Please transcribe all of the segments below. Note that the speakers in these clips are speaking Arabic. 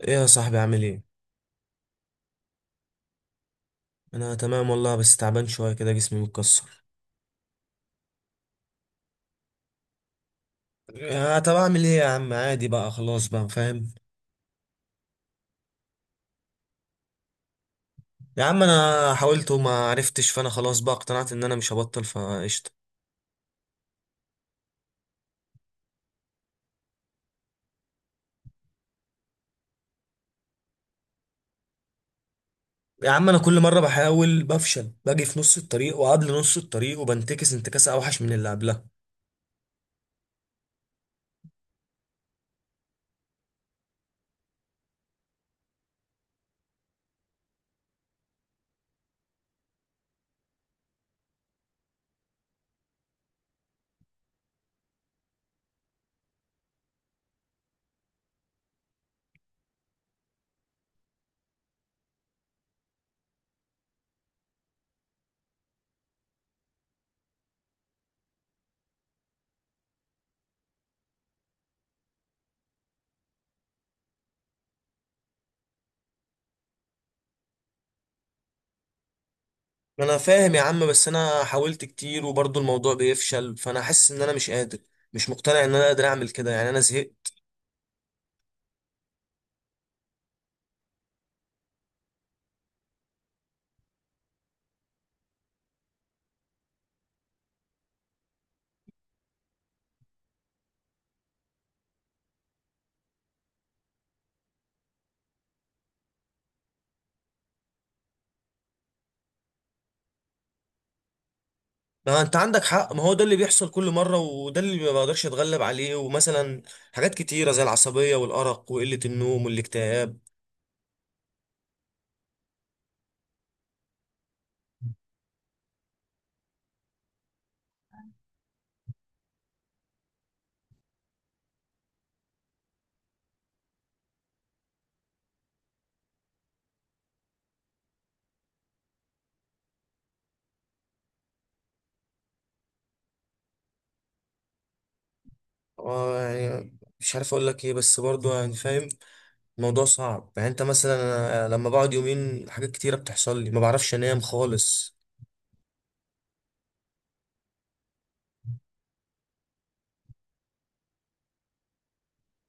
ايه يا صاحبي، عامل ايه؟ انا تمام والله، بس تعبان شويه كده، جسمي متكسر. يا طب اعمل ايه يا عم؟ عادي بقى، خلاص بقى فاهم. يا عم انا حاولت وما عرفتش، فانا خلاص بقى اقتنعت ان انا مش هبطل فقشطه. يا عم انا كل مره بحاول بفشل، باجي في نص الطريق وقبل نص الطريق وبنتكس انتكاسه اوحش من اللي قبلها. ما انا فاهم يا عم، بس انا حاولت كتير وبرضه الموضوع بيفشل، فانا حاسس ان انا مش قادر، مش مقتنع ان انا قادر اعمل كده. يعني انا زهقت. ما انت عندك حق، ما هو ده اللي بيحصل كل مره، وده اللي ما بقدرش اتغلب عليه. ومثلا حاجات كتيره زي العصبيه والارق وقله النوم والاكتئاب. آه، يعني مش عارف اقول لك ايه، بس برضه يعني فاهم. الموضوع صعب. يعني انت مثلا، أنا لما بقعد يومين حاجات كتيره بتحصل لي، ما بعرفش انام خالص.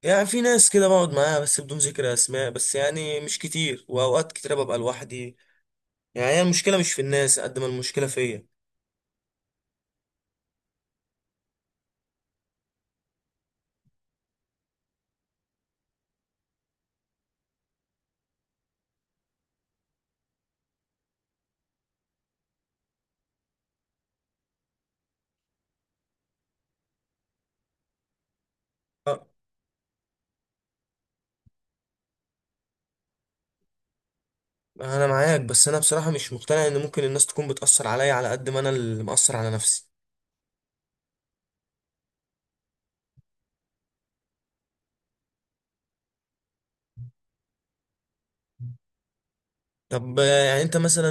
يعني في ناس كده بقعد معاها، بس بدون ذكر اسماء، بس يعني مش كتير، واوقات كتيره ببقى لوحدي. يعني هي المشكله مش في الناس قد ما المشكله فيا. آه، انا معاك، بس انا بصراحه مش مقتنع ان ممكن الناس تكون بتاثر عليا على قد ما انا اللي مأثر على نفسي. طب آه، يعني انت مثلا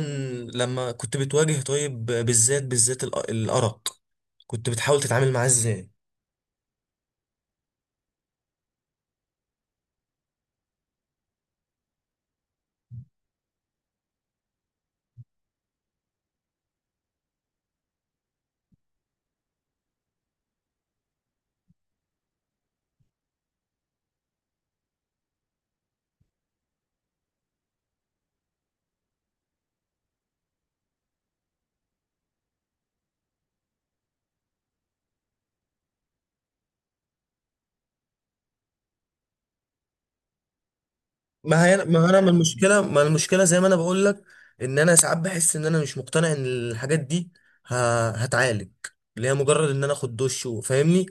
لما كنت بتواجه، طيب آه، بالذات بالذات الارق، كنت بتحاول تتعامل معاه ازاي؟ ما هي ما انا ما المشكله زي ما انا بقول لك، ان انا ساعات بحس ان انا مش مقتنع ان الحاجات دي ه... هتعالج، اللي هي مجرد ان انا اخد دش وفاهمني.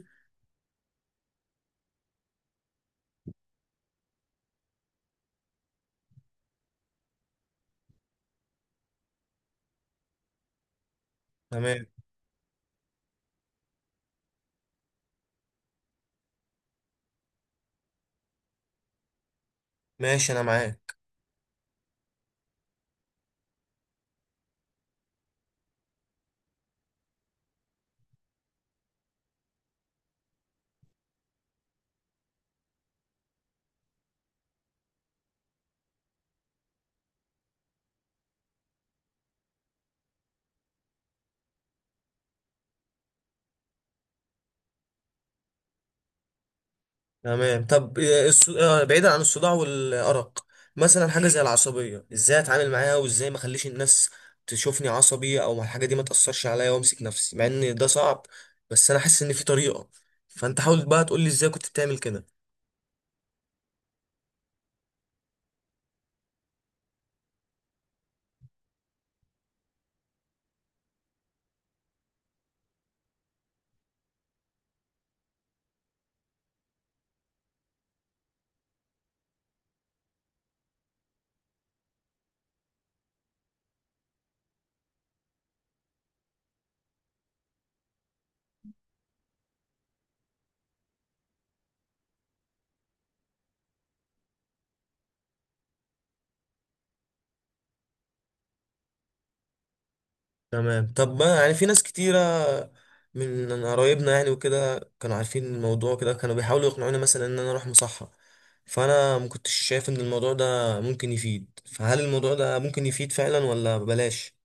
تمام ماشي، انا معاك. تمام طب آه، بعيدا عن الصداع والأرق، مثلا حاجة زي العصبية، ازاي اتعامل معاها؟ وازاي ما اخليش الناس تشوفني عصبي، او الحاجة دي ما تأثرش عليا وامسك نفسي، مع ان ده صعب؟ بس انا حاسس ان في طريقة، فانت حاول بقى تقول لي ازاي كنت بتعمل كده. تمام طب بقى، يعني في ناس كتيرة من قرايبنا يعني وكده كانوا عارفين الموضوع، كده كانوا بيحاولوا يقنعوني مثلا ان انا اروح مصحة، فانا ما كنتش شايف ان الموضوع ده ممكن يفيد. فهل الموضوع ده ممكن يفيد فعلا، ولا بلاش؟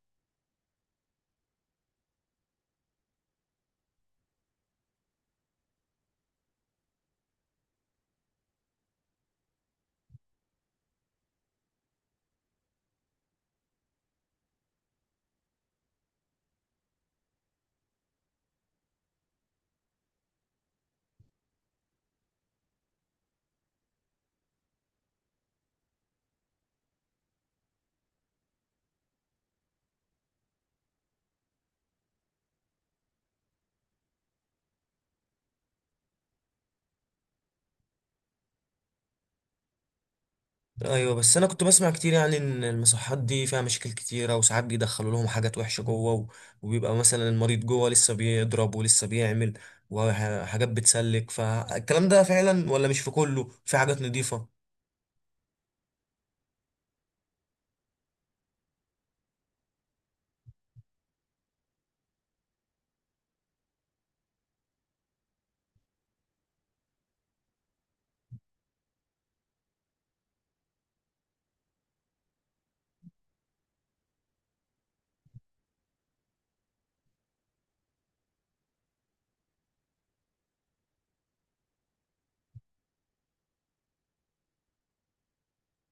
ايوه، بس انا كنت بسمع كتير يعني ان المصحات دي فيها مشاكل كتيره، وساعات بيدخلوا لهم حاجات وحشه وبيبقى مثلا المريض جوه لسه بيضرب ولسه بيعمل وحاجات بتسلك. فالكلام ده فعلا، ولا مش في كله في حاجات نظيفه؟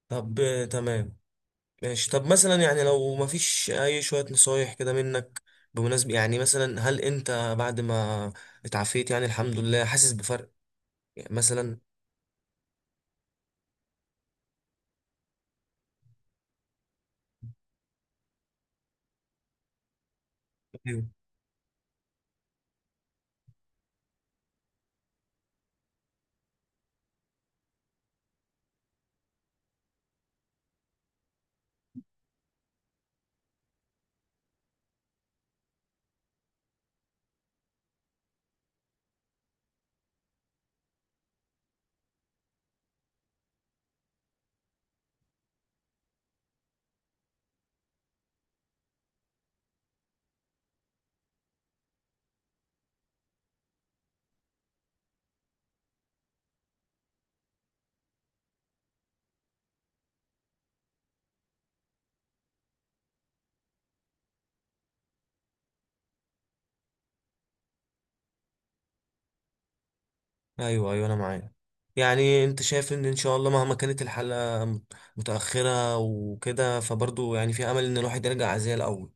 طب آه، تمام ماشي. طب مثلا يعني لو ما فيش، اي شويه نصايح كده منك بمناسبه؟ يعني مثلا هل انت بعد ما اتعافيت يعني الحمد لله، حاسس بفرق؟ يعني مثلا. ايوه ايوه، انا معاك. يعني انت شايف ان ان شاء الله مهما كانت الحلقة متأخرة وكده، فبرضه يعني في امل ان الواحد يرجع زي الاول؟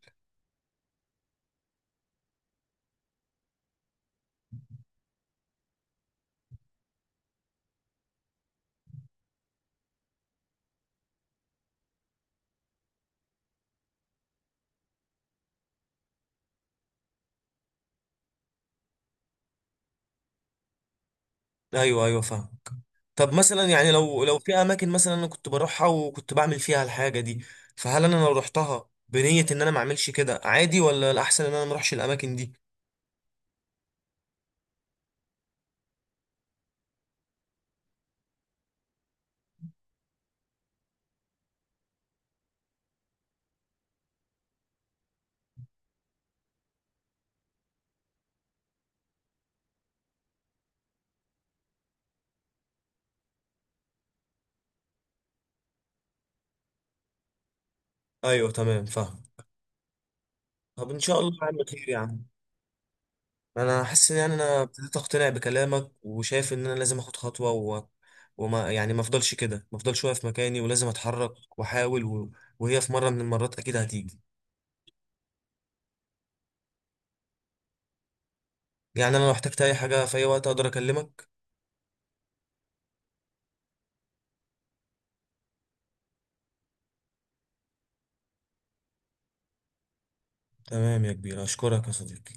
ايوه ايوه، فاهم. طب مثلا يعني لو في اماكن مثلا انا كنت بروحها وكنت بعمل فيها الحاجة دي، فهل انا لو رحتها بنية ان انا ما اعملش كده عادي، ولا الاحسن ان انا ما اروحش الاماكن دي؟ ايوه تمام، فاهم. طب ان شاء الله يا عم خير يا عم. انا حاسس ان يعني انا ابتديت اقتنع بكلامك، وشايف ان انا لازم اخد خطوه. وما يعني ما افضلش كده، ما افضلش واقف مكاني ولازم اتحرك واحاول. وهي في مره من المرات اكيد هتيجي. يعني انا لو احتجت اي حاجه في اي وقت، اقدر اكلمك؟ تمام يا كبير، اشكرك يا صديقي.